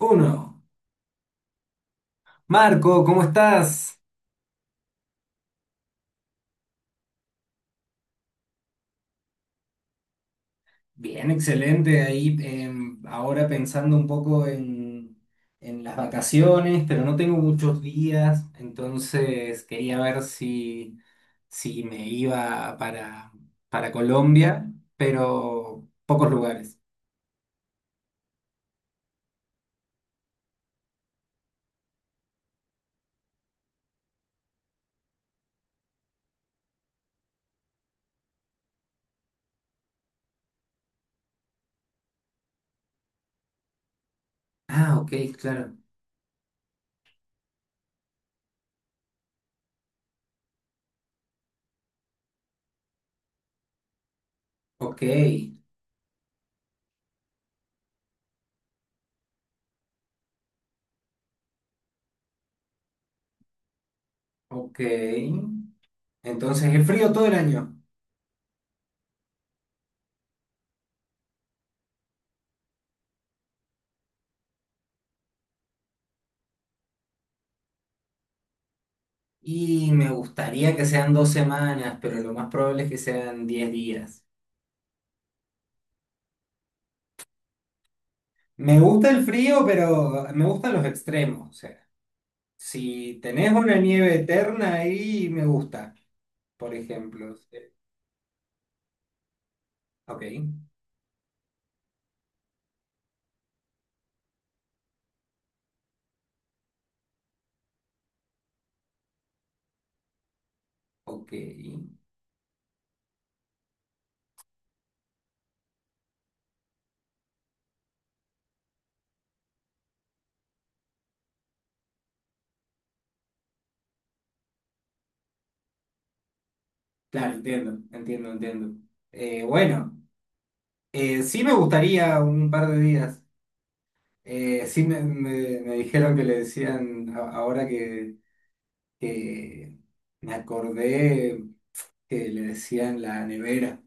Uno. Marco, ¿cómo estás? Bien, excelente. Ahí ahora pensando un poco en las vacaciones, pero no tengo muchos días, entonces quería ver si me iba para Colombia, pero pocos lugares. Ah, ok, claro. Ok, ok. Entonces es frío todo el año. Y me gustaría que sean dos semanas, pero lo más probable es que sean diez días. Me gusta el frío, pero me gustan los extremos. O sea, si tenés una nieve eterna ahí, me gusta, por ejemplo. Sí. Ok, ok. Claro, entiendo, entiendo, entiendo. Bueno, sí me gustaría un par de días. Sí me dijeron que le decían. Ahora que me acordé, que le decían la nevera.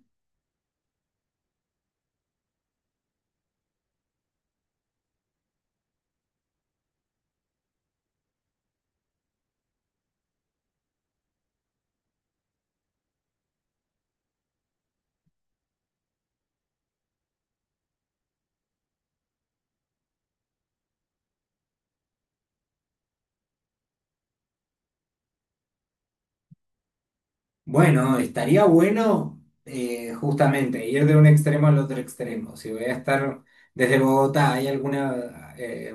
Bueno, estaría bueno justamente ir de un extremo al otro extremo. Si voy a estar desde Bogotá, ¿hay alguna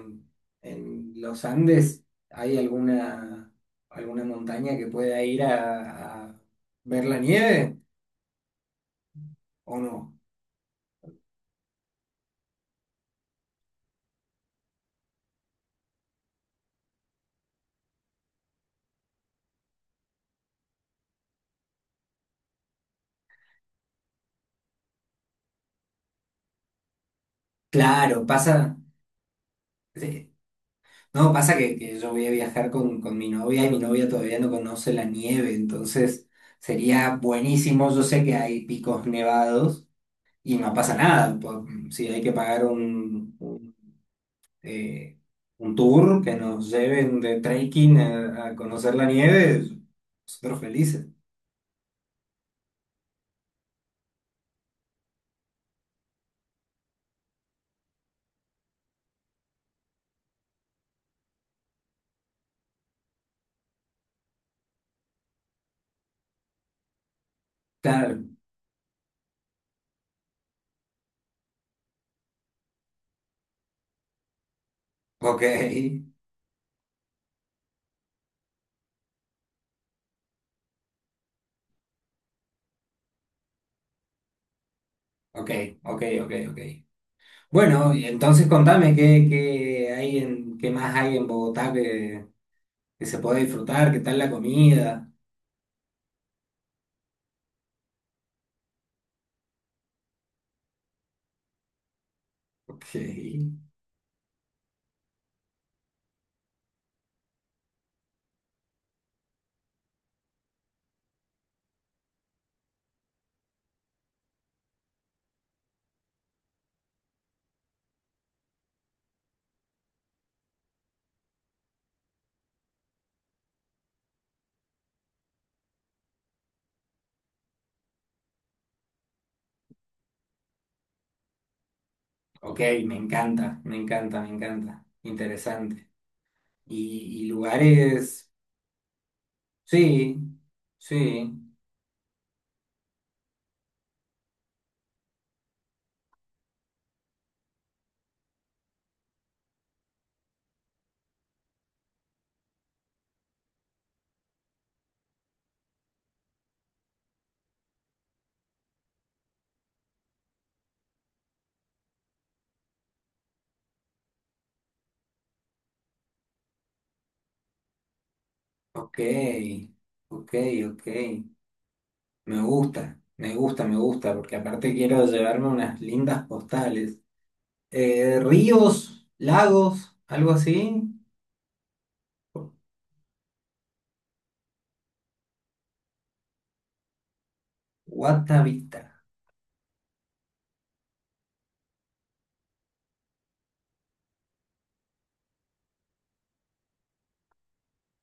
en los Andes? ¿Hay alguna montaña que pueda ir a ver la nieve o no? Claro, pasa. Sí. No, pasa que yo voy a viajar con mi novia y mi novia todavía no conoce la nieve, entonces sería buenísimo. Yo sé que hay picos nevados y no pasa nada. Si hay que pagar eh, un tour que nos lleven de trekking a conocer la nieve, nosotros felices. Claro, ok, ok, ok, ok, ok. Bueno, y entonces contame qué hay en, qué más hay en Bogotá que se puede disfrutar, qué tal la comida. Ok, ok, me encanta, me encanta, me encanta. Interesante. Y lugares, sí, sí. Ok, ok, ok. Me gusta, me gusta, me gusta, porque aparte quiero llevarme unas lindas postales. Ríos, lagos, algo así. Guatavita.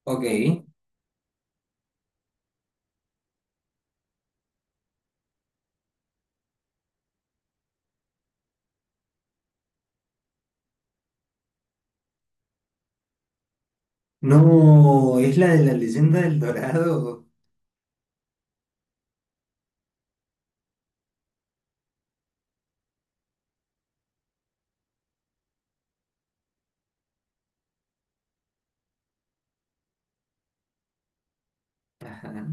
Ok. No, es la de la leyenda del Dorado. Ajá.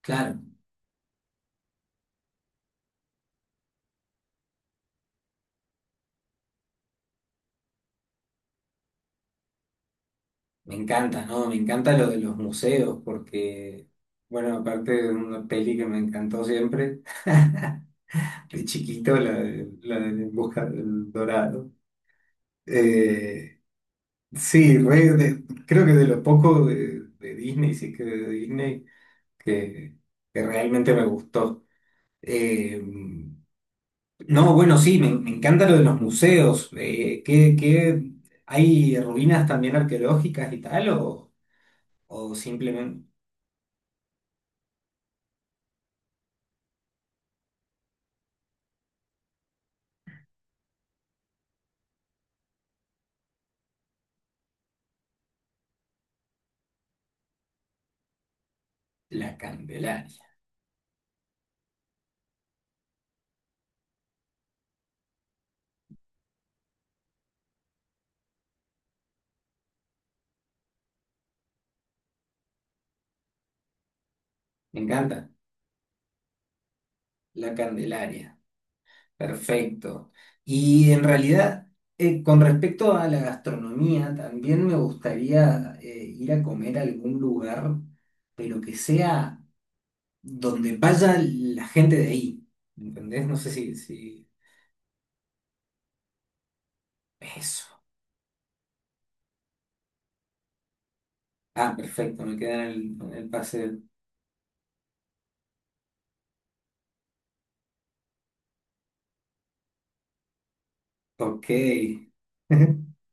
Claro, me encanta, ¿no? Me encanta lo de los museos, porque, bueno, aparte de una peli que me encantó siempre, de chiquito, la la de En Busca del Dorado. Eh, Sí, creo que de lo poco de Disney, sí que de Disney, que, que realmente me gustó. Eh, no, bueno, sí, me encanta lo de los museos. ¿ hay ruinas también arqueológicas y tal? O simplemente la Candelaria? Me encanta, la Candelaria. Perfecto. Y en realidad, con respecto a la gastronomía, también me gustaría ir a comer a algún lugar, pero que sea donde vaya la gente de ahí. ¿Entendés? No sé si... Eso. Ah, perfecto, me queda en el pase. Ok.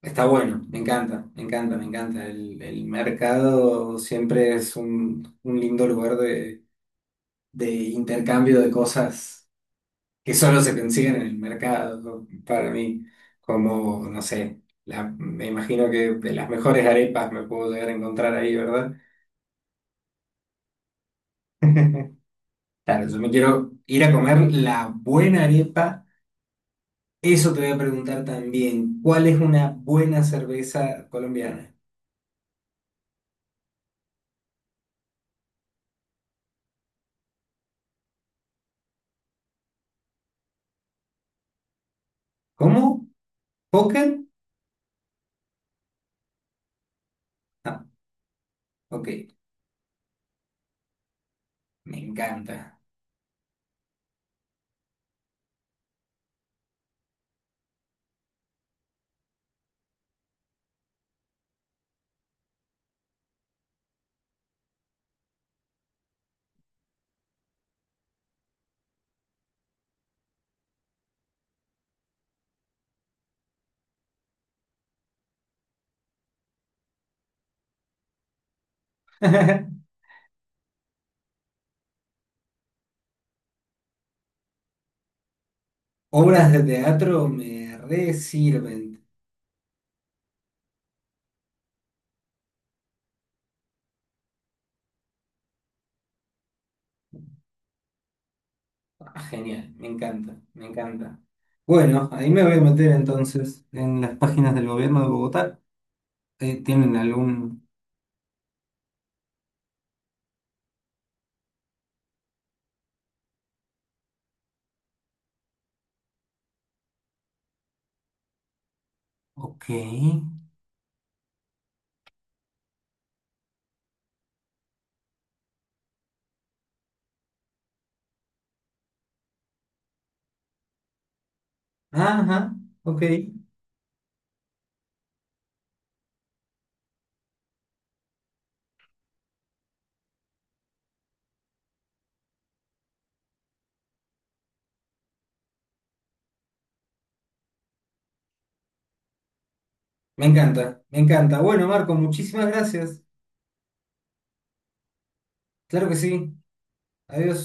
Está bueno, me encanta, me encanta, me encanta. El mercado siempre es un lindo lugar de intercambio de cosas que solo se consiguen en el mercado para mí, como, no sé, me imagino que de las mejores arepas me puedo llegar a encontrar ahí, ¿verdad? Claro, yo me quiero ir a comer la buena arepa. Eso te voy a preguntar también, ¿cuál es una buena cerveza colombiana? ¿Cómo? ¿Poker? Ah, ok, me encanta. Obras de teatro me re sirven. Ah, genial, me encanta, me encanta. Bueno, ahí me voy a meter entonces en las páginas del gobierno de Bogotá. ¿Tienen algún...? Ok. Ajá, ok. Me encanta, me encanta. Bueno, Marco, muchísimas gracias. Claro que sí. Adiós.